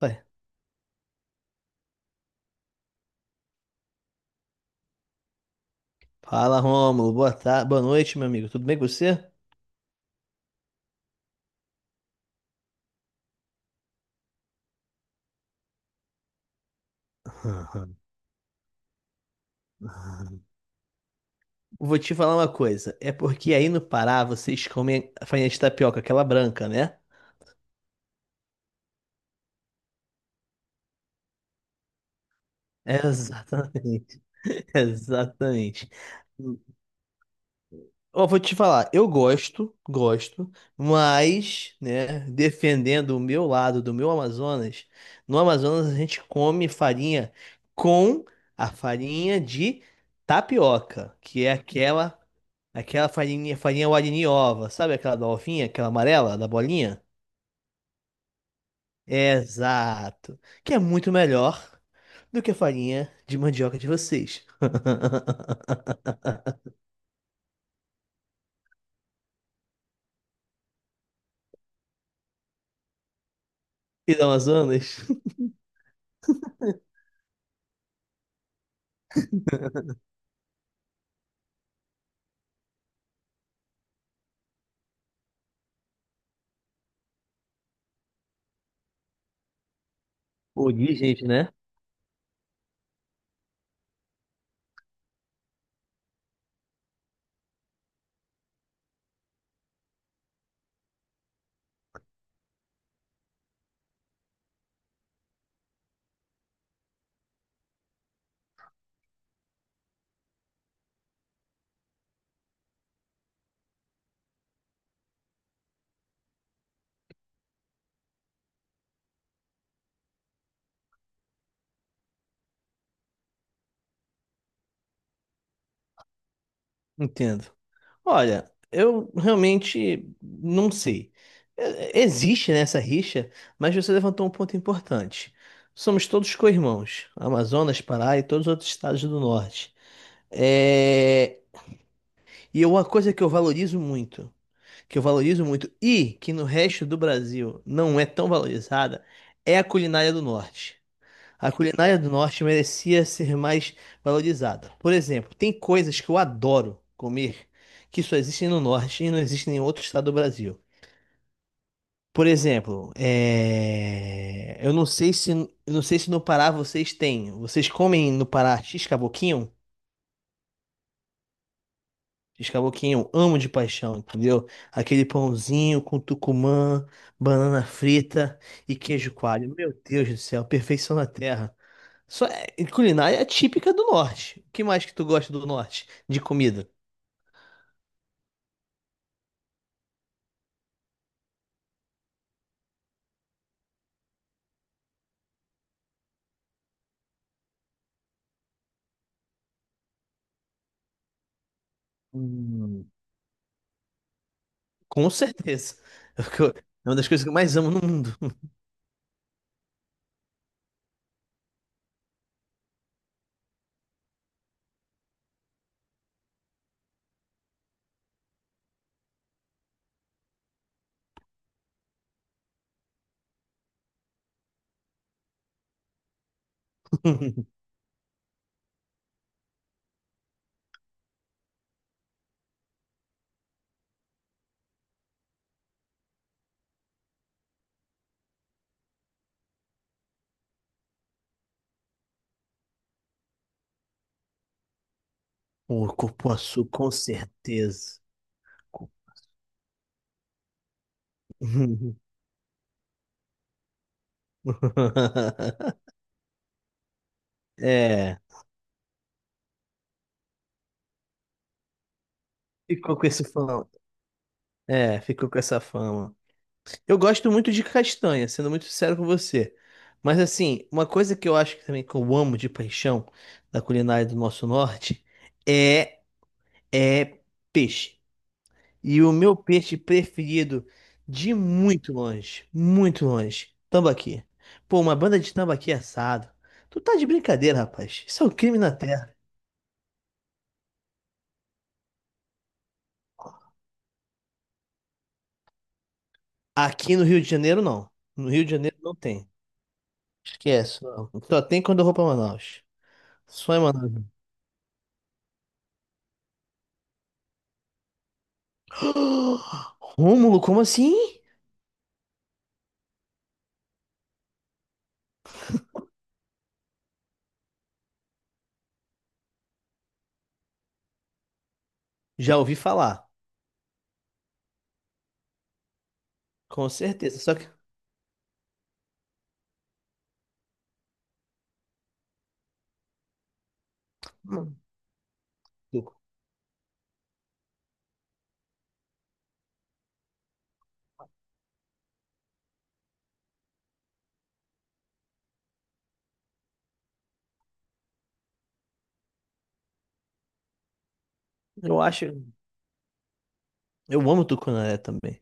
Ué, fala, Rômulo. Boa tarde, boa noite, meu amigo. Tudo bem com você? Aham, aham. Vou te falar uma coisa. É porque aí no Pará vocês comem a farinha de tapioca, aquela branca, né? Exatamente, exatamente. Ó, vou te falar, eu gosto, gosto, mas, né, defendendo o meu lado do meu Amazonas, no Amazonas a gente come farinha com a farinha de tapioca, que é aquela farinha Wariniova, sabe aquela da ovinha, aquela amarela da bolinha? Exato, que é muito melhor do que a farinha de mandioca de vocês. E do Amazonas, origens, né? Entendo. Olha, eu realmente não sei. Existe, né, essa rixa, mas você levantou um ponto importante. Somos todos co-irmãos, Amazonas, Pará e todos os outros estados do norte. É... E é uma coisa que eu valorizo muito, e que no resto do Brasil não é tão valorizada, é a culinária do norte. A culinária do norte merecia ser mais valorizada. Por exemplo, tem coisas que eu adoro comer que só existem no norte e não existem em outro estado do Brasil. Por exemplo, eu não sei se no Pará vocês têm. Vocês comem no Pará x-caboquinho? X-caboquinho, eu amo de paixão, entendeu? Aquele pãozinho com tucumã, banana frita e queijo coalho. Meu Deus do céu, perfeição na terra. Só é- Culinária é típica do norte. O que mais que tu gosta do norte de comida? Hum. Com certeza. É uma das coisas que eu mais amo no mundo. O cupuaçu, com certeza. Cu- É, ficou com esse fama. É, ficou com essa fama. Eu gosto muito de castanha, sendo muito sincero com você. Mas assim, uma coisa que eu acho que também que eu amo de paixão da culinária do nosso norte é é peixe. E o meu peixe preferido de muito longe, tambaqui. Pô, uma banda de tambaqui assado. Tu tá de brincadeira, rapaz. Isso é um crime na terra. Aqui no Rio de Janeiro, não. No Rio de Janeiro não tem. Esquece. Não. Só tem quando eu vou pra Manaus. Só em Manaus. Rômulo, como assim? Já ouvi falar. Com certeza. Só que. Hum. Eu acho. Eu amo tucunaré também.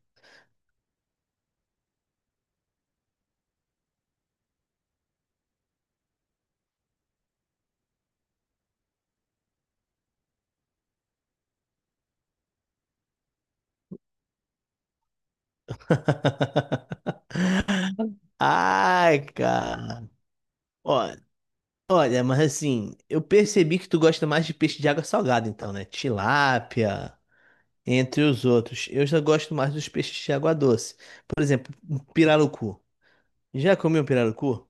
Ai, cara. Ó, olha, mas assim, eu percebi que tu gosta mais de peixe de água salgada, então, né? Tilápia, entre os outros. Eu já gosto mais dos peixes de água doce. Por exemplo, um pirarucu. Já comeu um pirarucu?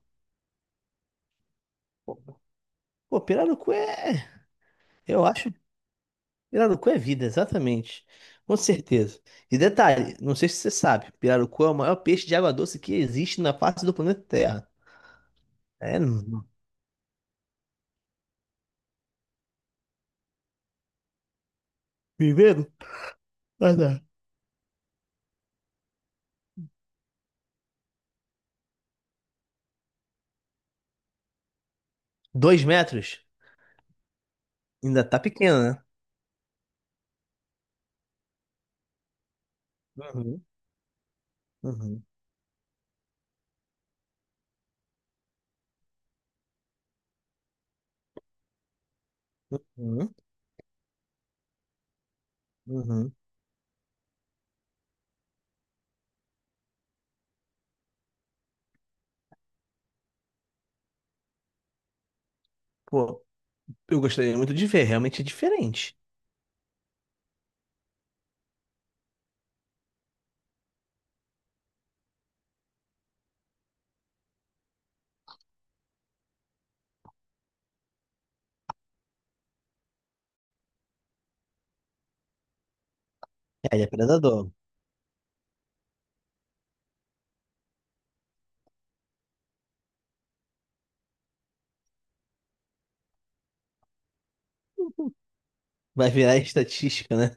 Pô, pirarucu é. Eu acho. Pirarucu é vida, exatamente. Com certeza. E detalhe, não sei se você sabe, pirarucu é o maior peixe de água doce que existe na face do planeta Terra. É, não. Viveiro? Mas é. Dois metros? Ainda tá pequeno, né? Uhum, uhum, uhum, uhum. Pô, eu gostaria muito de ver, realmente é diferente. É, ele é predador. Vai virar estatística, né?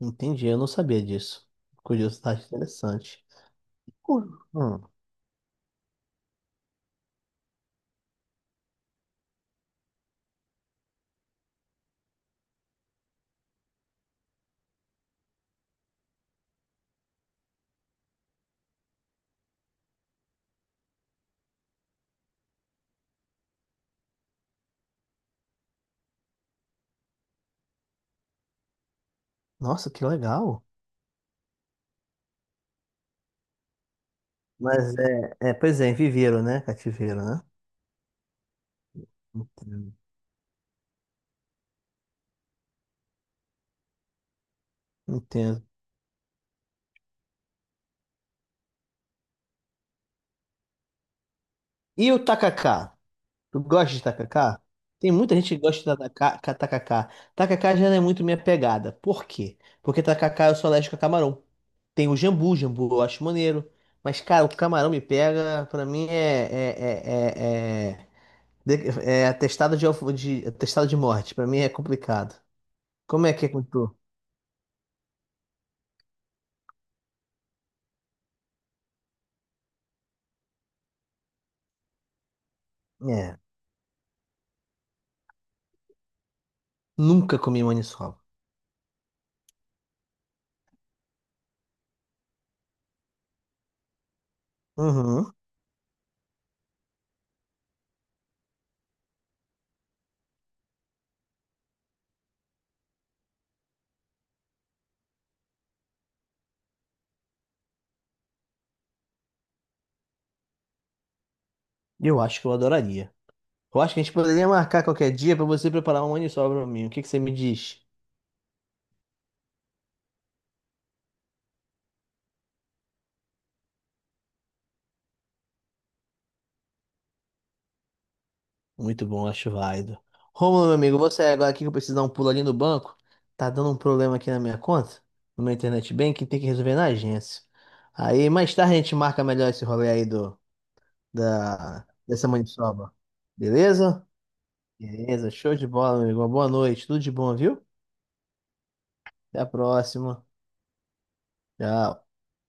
Entendi, eu não sabia disso. Curiosidade interessante. Pô. Hum, nossa, que legal. Mas pois é, em viveiro, né? Cativeiro, né? Entendo. Entendo. E o tacacá? Tu gosta de tacacá? Tem muita gente que gosta de tacacá. Tacacá já não é muito minha pegada. Por quê? Porque tacacá eu sou alérgico a camarão. Tem o jambu, jambu eu acho maneiro. Mas, cara, o camarão me pega, pra mim é. É, é, é, é, é atestado de morte. Pra mim é complicado. Como é que é com tu? É. Nunca comi maniçoba. Uhum. Eu acho que eu adoraria. Eu acho que a gente poderia marcar qualquer dia pra você preparar uma maniçoba pra mim. O que que você me diz? Muito bom, acho válido. Romulo, meu amigo, você agora aqui que eu preciso dar um pulo ali no banco. Tá dando um problema aqui na minha conta, no meu internet banking, tem que resolver na agência. Aí mais tarde a gente marca melhor esse rolê aí dessa maniçoba. Beleza? Beleza, show de bola, meu amigo. Uma boa noite, tudo de bom, viu? Até a próxima. Tchau.